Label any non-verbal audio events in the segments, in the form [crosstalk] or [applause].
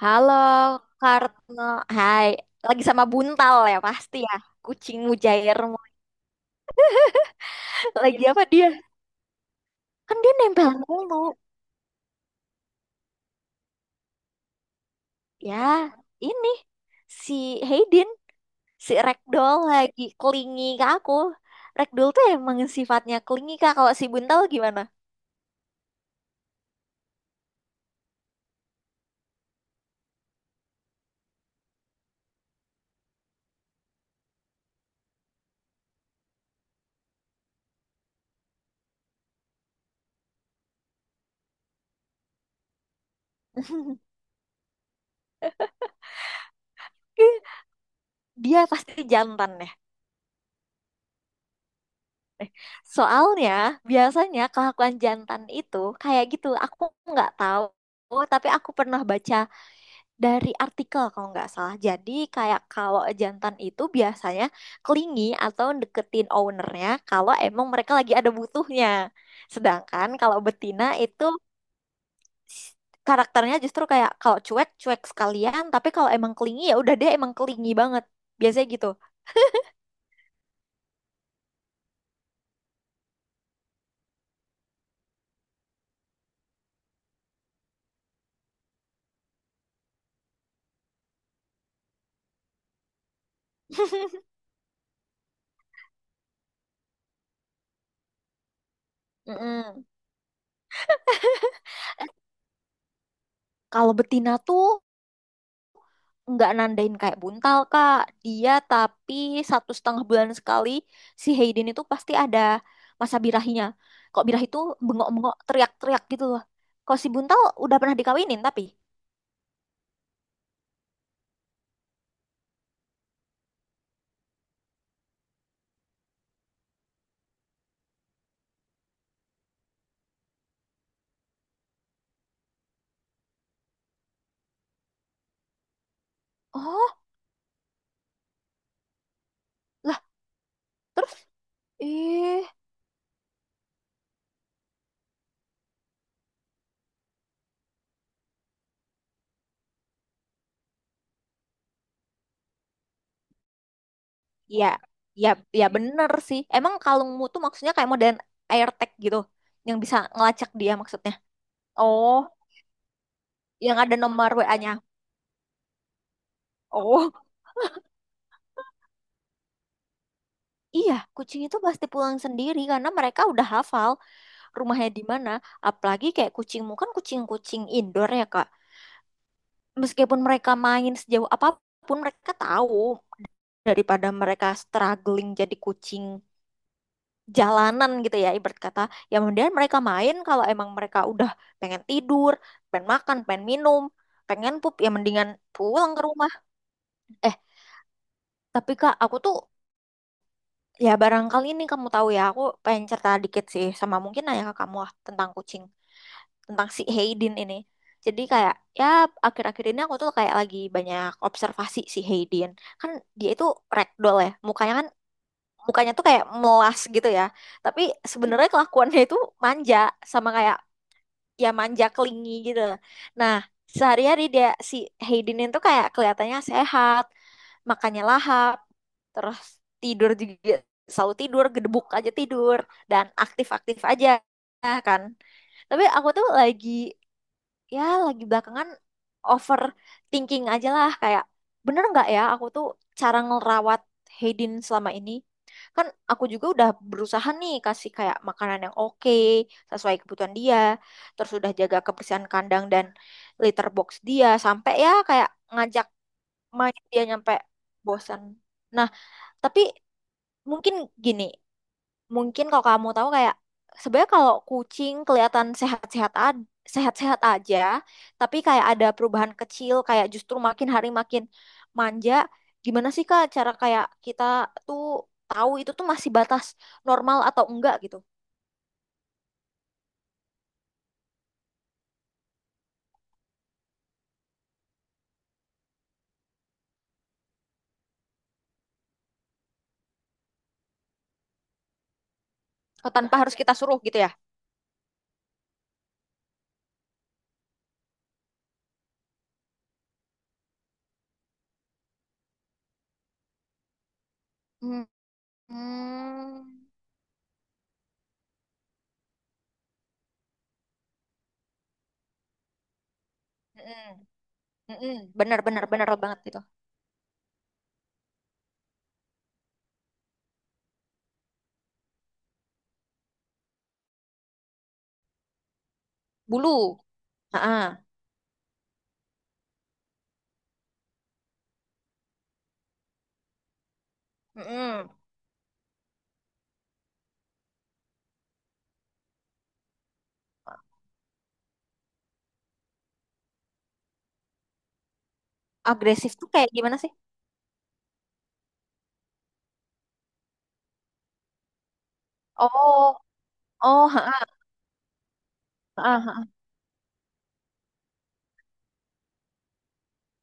Halo, Karno. Hai, lagi sama Buntal ya pasti ya. Kucing mujairmu. [laughs] Lagi apa dia? Kan dia nempel mulu. Ya, ini si Hayden, si Ragdoll lagi klingi ke aku. Ragdoll tuh emang sifatnya klingi Kak. Kalau si Buntal gimana? [laughs] Dia pasti jantan ya. Soalnya biasanya kelakuan jantan itu kayak gitu. Aku nggak tahu, tapi aku pernah baca dari artikel kalau nggak salah. Jadi kayak kalau jantan itu biasanya clingy atau deketin ownernya kalau emang mereka lagi ada butuhnya. Sedangkan kalau betina itu s- karakternya justru kayak kalau cuek cuek sekalian, tapi kalau emang clingy ya udah dia emang clingy banget. Biasanya gitu. Mm-mm. Kalau betina tuh nggak nandain kayak buntal kak, dia tapi satu setengah bulan sekali si Hayden itu pasti ada masa birahinya, kok birah itu bengok-bengok teriak-teriak gitu loh. Kalau si buntal udah pernah dikawinin tapi oh lah, terus eh ya, ya, ya, bener sih emang kalungmu tuh maksudnya kayak modern AirTag gitu yang bisa ngelacak dia maksudnya. Oh, yang ada nomor WA-nya. Oh iya, kucing itu pasti pulang sendiri karena mereka udah hafal rumahnya di mana. Apalagi kayak kucingmu kan kucing-kucing indoor ya Kak. Meskipun mereka main sejauh apapun mereka tahu daripada mereka struggling jadi kucing jalanan gitu ya ibarat kata. Ya kemudian mereka main, kalau emang mereka udah pengen tidur, pengen makan, pengen minum, pengen pup, ya mendingan pulang ke rumah. Eh, tapi Kak aku tuh, ya barangkali ini kamu tahu ya, aku pengen cerita dikit sih sama mungkin ayah kamu ah, tentang kucing. Tentang si Hayden ini. Jadi kayak ya akhir-akhir ini aku tuh kayak lagi banyak observasi si Hayden. Kan dia itu ragdoll ya. Mukanya kan mukanya tuh kayak melas gitu ya. Tapi sebenarnya kelakuannya itu manja, sama kayak ya manja kelingi gitu. Nah, sehari-hari dia si Hayden itu kayak kelihatannya sehat, makannya lahap, terus tidur juga selalu tidur, gedebuk aja tidur, dan aktif-aktif aja kan. Tapi aku tuh lagi ya lagi belakangan overthinking aja lah kayak bener nggak ya aku tuh cara ngerawat Haydin selama ini. Kan aku juga udah berusaha nih kasih kayak makanan yang oke sesuai kebutuhan dia, terus udah jaga kebersihan kandang dan litter box dia, sampai ya kayak ngajak main dia nyampe bosan. Nah, tapi mungkin gini, mungkin kalau kamu tahu kayak sebenarnya kalau kucing kelihatan sehat-sehat aja, tapi kayak ada perubahan kecil kayak justru makin hari makin manja. Gimana sih Kak cara kayak kita tuh tahu itu tuh masih batas normal atau enggak gitu? Oh, tanpa harus kita suruh gitu ya? Hmm. hmm Benar-benar, benar benar benar banget itu. Bulu. Heeh. Mm-mm. Agresif tuh kayak gimana sih? Oh, oh, heeh, heeh, heeh.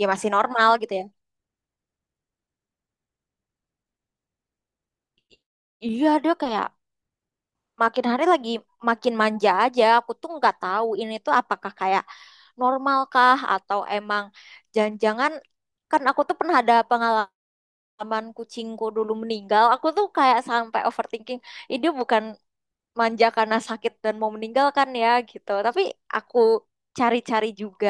Ya masih normal gitu ya. Iya dia kayak makin hari lagi makin manja aja. Aku tuh nggak tahu ini tuh apakah kayak normalkah atau emang jangan-jangan, kan aku tuh pernah ada pengalaman kucingku dulu meninggal. Aku tuh kayak sampai overthinking. Ini dia bukan manja karena sakit dan mau meninggalkan ya gitu. Tapi aku cari-cari juga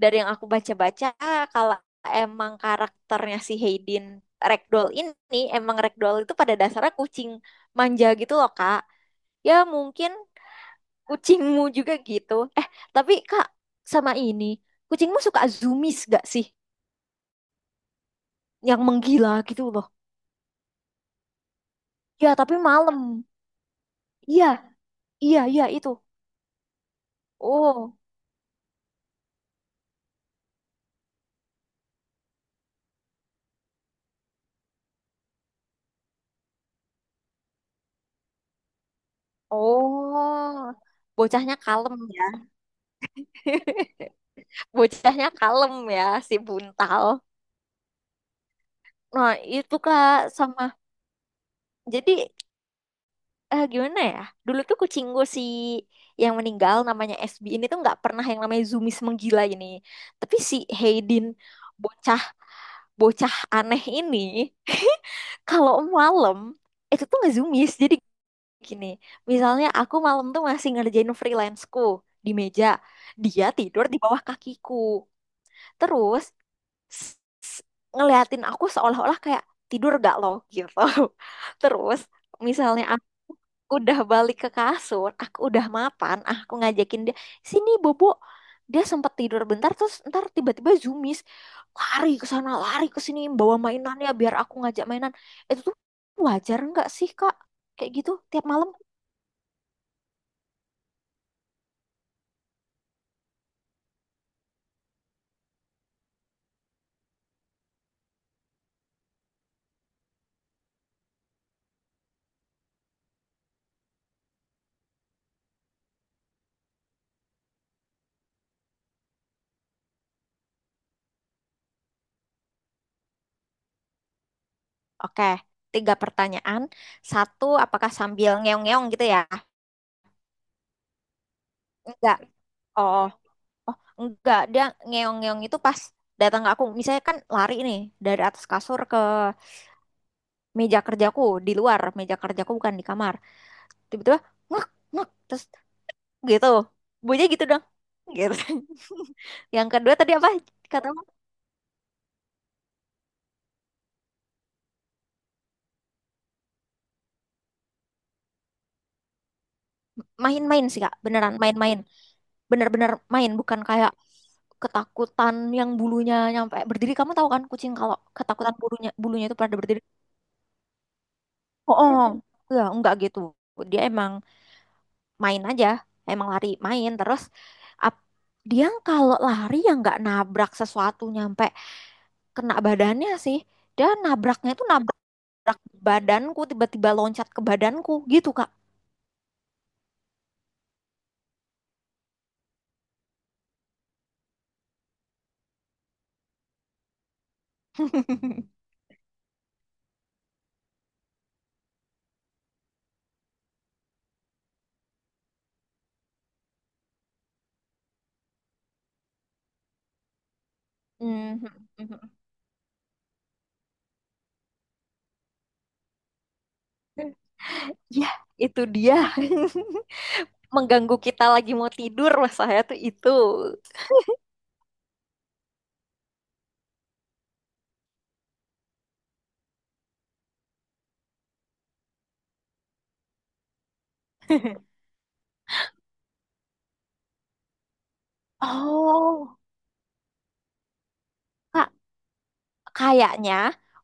dari yang aku baca-baca, kalau emang karakternya si Hayden Ragdoll ini, emang Ragdoll itu pada dasarnya kucing manja gitu loh Kak. Ya mungkin kucingmu juga gitu. Eh, tapi Kak, sama ini, kucingmu suka zoomies gak sih, yang menggila gitu loh? Ya tapi malam. Iya, iya itu. Oh, oh, bocahnya kalem ya. [laughs] Bocahnya kalem ya, si buntal. Nah itu Kak, sama, jadi eh gimana ya? Dulu tuh kucing gue si yang meninggal namanya SB ini tuh nggak pernah yang namanya Zumis menggila ini. Tapi si Haydin, bocah bocah aneh ini, [laughs] kalau malam itu tuh nggak Zumis. Jadi gini, misalnya aku malam tuh masih ngerjain freelanceku di meja, dia tidur di bawah kakiku. Terus s- s- ngeliatin aku seolah-olah kayak tidur gak lo gitu. [laughs] Terus misalnya udah balik ke kasur, aku udah mapan, ah, aku ngajakin dia, sini Bobo. Dia sempat tidur bentar, terus ntar tiba-tiba zoomies. Lari ke sana, lari ke sini, bawa mainannya biar aku ngajak mainan. Itu tuh wajar nggak sih, Kak? Kayak gitu, tiap malam. Oke, tiga pertanyaan. Satu, apakah sambil ngeong-ngeong gitu ya? Enggak. Oh, oh enggak. Dia ngeong-ngeong itu pas datang ke aku. Misalnya kan lari nih, dari atas kasur ke meja kerjaku, di luar meja kerjaku bukan di kamar, tiba-tiba ngek ngek terus gitu, bunyinya gitu dong gitu. [laughs] Yang kedua tadi apa kata kamu? Main-main sih kak, beneran main-main, bener-bener main, bukan kayak ketakutan yang bulunya nyampe berdiri. Kamu tahu kan kucing kalau ketakutan bulunya bulunya itu pada berdiri. Oh, oh. Ya, [laughs] enggak gitu, dia emang main aja, emang lari main. Terus ap- dia kalau lari ya nggak nabrak sesuatu nyampe kena badannya sih. Dia nabraknya itu nabrak gerak badanku, tiba-tiba loncat ke badanku gitu Kak. [laughs] Mhm. Ya, itu dia. [laughs] Mengganggu kita lagi mau tidur mas saya tuh itu. [laughs] Oh, Kak, kayaknya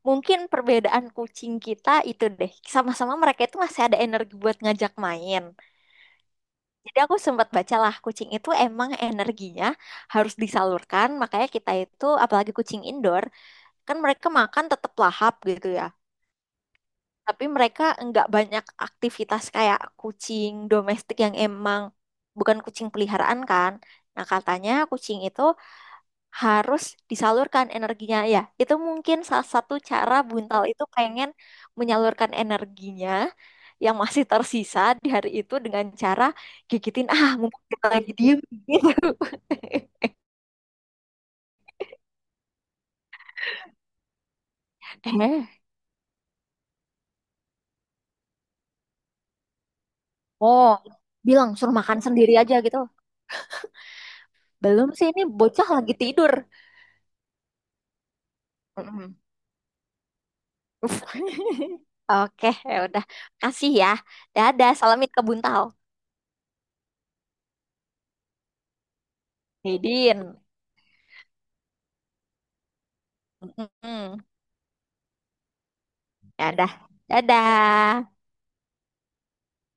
mungkin perbedaan kucing kita itu deh. Sama-sama mereka itu masih ada energi buat ngajak main. Jadi aku sempat bacalah kucing itu emang energinya harus disalurkan. Makanya kita itu, apalagi kucing indoor, kan mereka makan tetap lahap gitu ya. Tapi mereka nggak banyak aktivitas kayak kucing domestik yang emang bukan kucing peliharaan kan. Nah, katanya kucing itu harus disalurkan energinya ya. Itu mungkin salah satu cara Buntal itu pengen menyalurkan energinya yang masih tersisa di hari itu dengan cara gigitin ah mumpung kita lagi diem gitu. [laughs] Eh, oh, bilang suruh makan sendiri aja gitu. Belum sih ini bocah lagi tidur. Mm-mm. [laughs] Oke, ya udah. Kasih ya. Dadah, salamin ke Buntal. Hidin. Mm-mm. Dadah. Dadah.